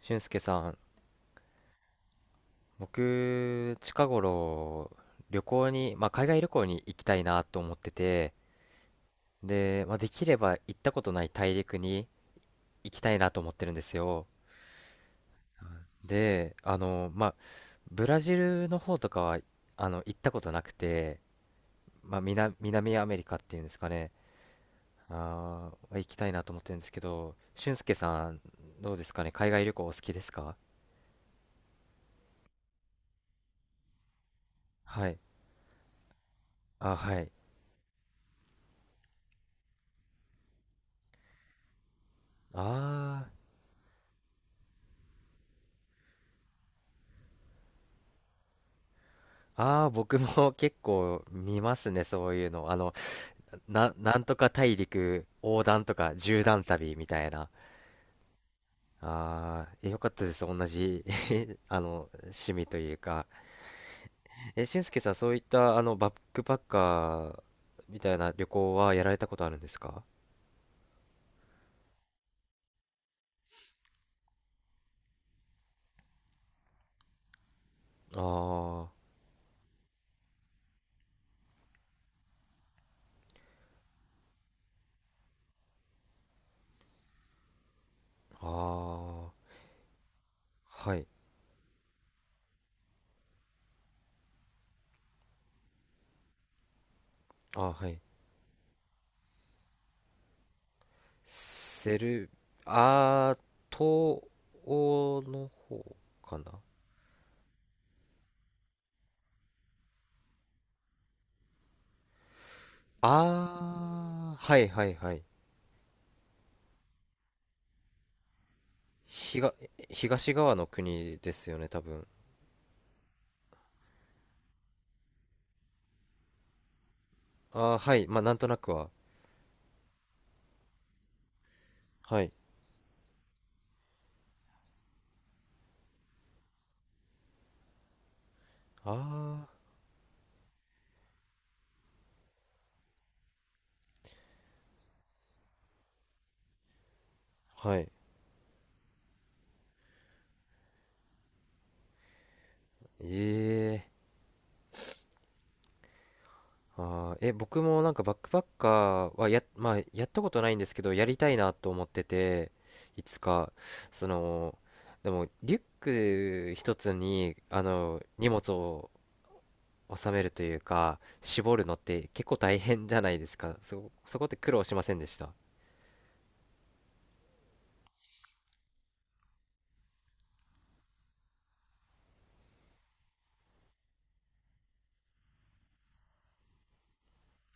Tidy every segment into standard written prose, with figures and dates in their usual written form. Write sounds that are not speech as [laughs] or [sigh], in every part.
俊介さん、僕、近頃、旅行に、海外旅行に行きたいなと思ってて、で、まあ、できれば行ったことない大陸に行きたいなと思ってるんですよ。で、あの、まあ、ブラジルの方とかは、行ったことなくて、まあ、南アメリカっていうんですかね、行きたいなと思ってるんですけど、俊介さん、どうですかね、海外旅行お好きですか？はい。あ、はい。あああ、僕も [laughs] 結構見ますね、そういうの。あの、なんとか大陸横断とか縦断旅みたいな。ああ、えよかったです。同じ [laughs] あの、趣味というか。え、俊介さん、そういった、あの、バックパッカーみたいな旅行はやられたことあるんですか？ああ、ああ、はい。あーはい。セル、ああ、東欧の方かな？ああはいはいはい。東、東側の国ですよね、多分。ああ、はい。まあ、なんとなくは。はい。ああ、はい。ええ、あー、え、僕もなんかバックパッカーはまあ、やったことないんですけど、やりたいなと思ってて、いつか、その、でも、リュック一つに、あの、荷物を収めるというか、絞るのって結構大変じゃないですか。そこって苦労しませんでした？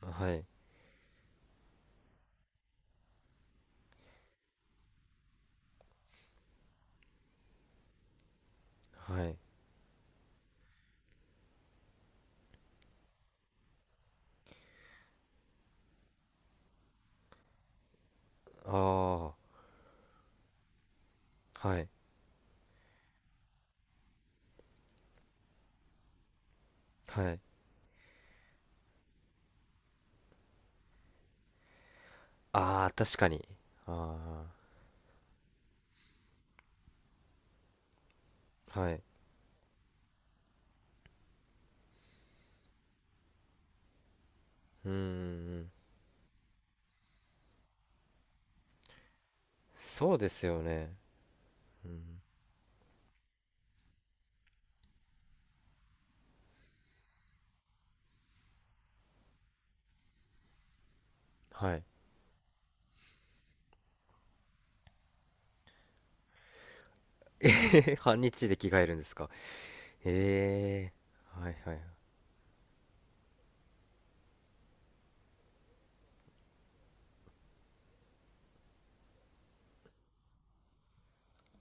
はい。はい。ああ、はい。はい。ああ、確かに。ああ、はい。うーん、そうですよね。うん、はい。[laughs] 半日で着替えるんですか？へえ、はいはい。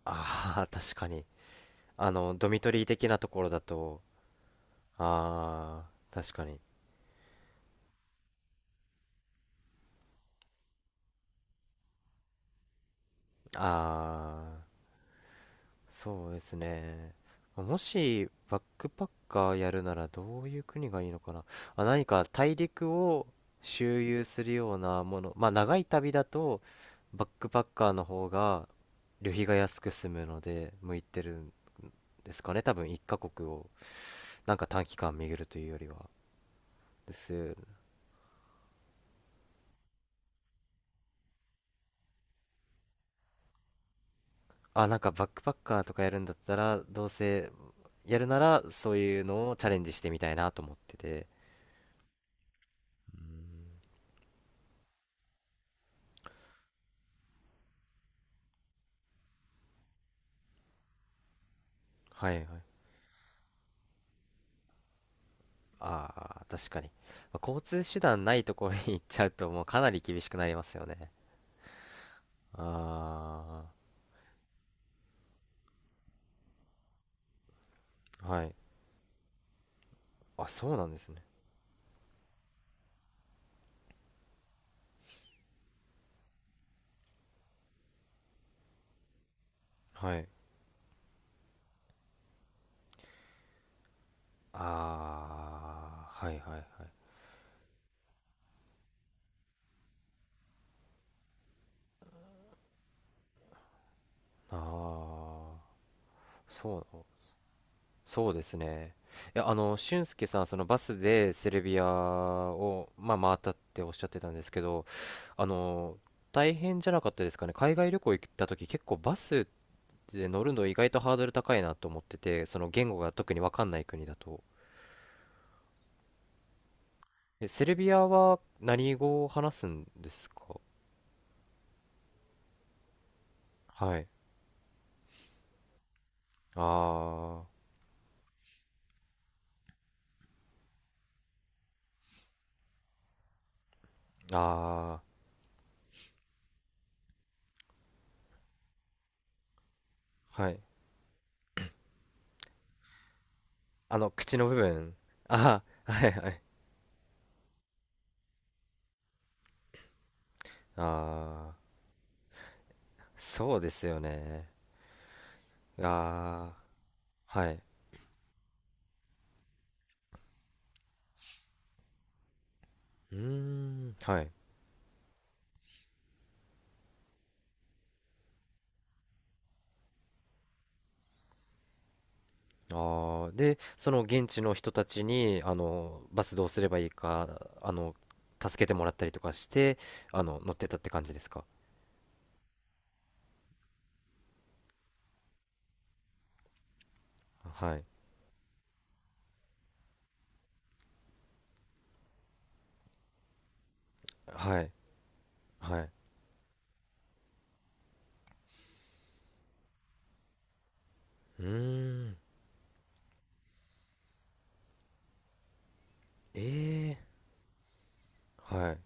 ああ、確かに。あの、ドミトリー的なところだと、ああ、確かに。ああ、そうですね。もしバックパッカーやるならどういう国がいいのかな。あ、何か大陸を周遊するようなもの。まあ長い旅だとバックパッカーの方が旅費が安く済むので向いてるんですかね。多分1カ国をなんか短期間巡るというよりは。です。あ、なんかバックパッカーとかやるんだったらどうせやるならそういうのをチャレンジしてみたいなと思ってて。うん、はいはい。ああ、確かに。まあ交通手段ないところに行っちゃうと、もうかなり厳しくなりますよね。ああ、はい。あ、そうなんですね。はい。ああ、はいはいはい。ああ、そうですね。いや、あの、俊介さん、そのバスでセルビアを、まあ、回ったっておっしゃってたんですけど、あの、大変じゃなかったですかね。海外旅行行った時、結構バスっで乗るの意外とハードル高いなと思ってて、その言語が特に分かんない国だと、えセルビアは何語を話すんですか？はい、あー、あー、はい、あの口の部分、あー、はいはい、あー、そうですよね、あー、はい、うーん、はい、あー、でその現地の人たちにあのバスどうすればいいか、あの、助けてもらったりとかして、あの、乗ってたって感じですか？はい。はい、はい。うーん。ええ。はい。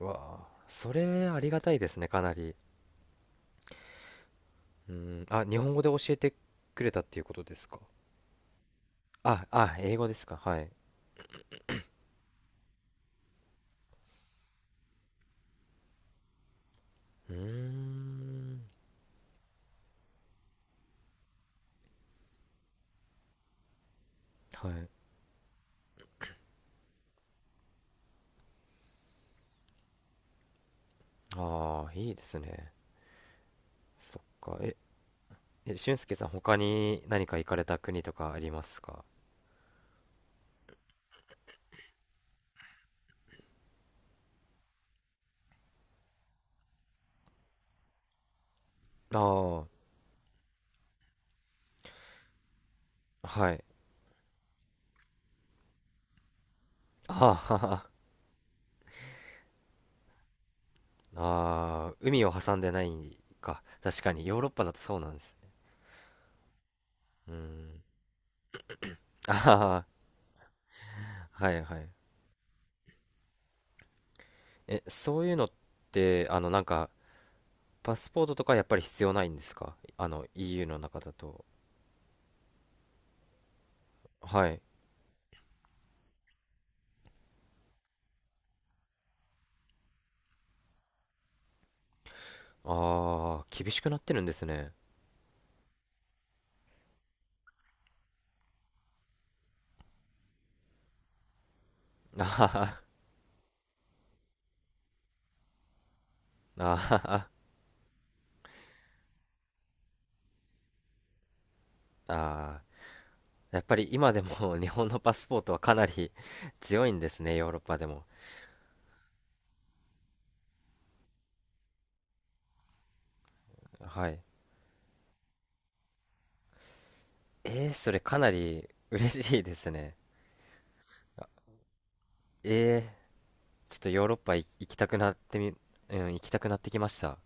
わあ、それありがたいですね、かなり。うーん。あ、日本語で教えてくれたっていうことですか？あ、英語ですか。はい。うーん。はい。ああ、いいですね。そっか。え、俊介さん、他に何か行かれた国とかありますか？ああ、はい。ああ、[laughs] はは、ああ、海を挟んでないか。確かに、ヨーロッパだとそうなんですね。うーん。ああ、はいはい。え、そういうのって、あの、なんか、パスポートとかやっぱり必要ないんですか、あの、EU の中だと。はい。ああ、厳しくなってるんですね。[laughs] あはは、あはは、あー、やっぱり今でも [laughs] 日本のパスポートはかなり [laughs] 強いんですね、ヨーロッパでも。はい。えー、それかなり嬉しいですね。あ、えー、ちょっとヨーロッパ行きたくなってみ、うん、行きたくなってきました。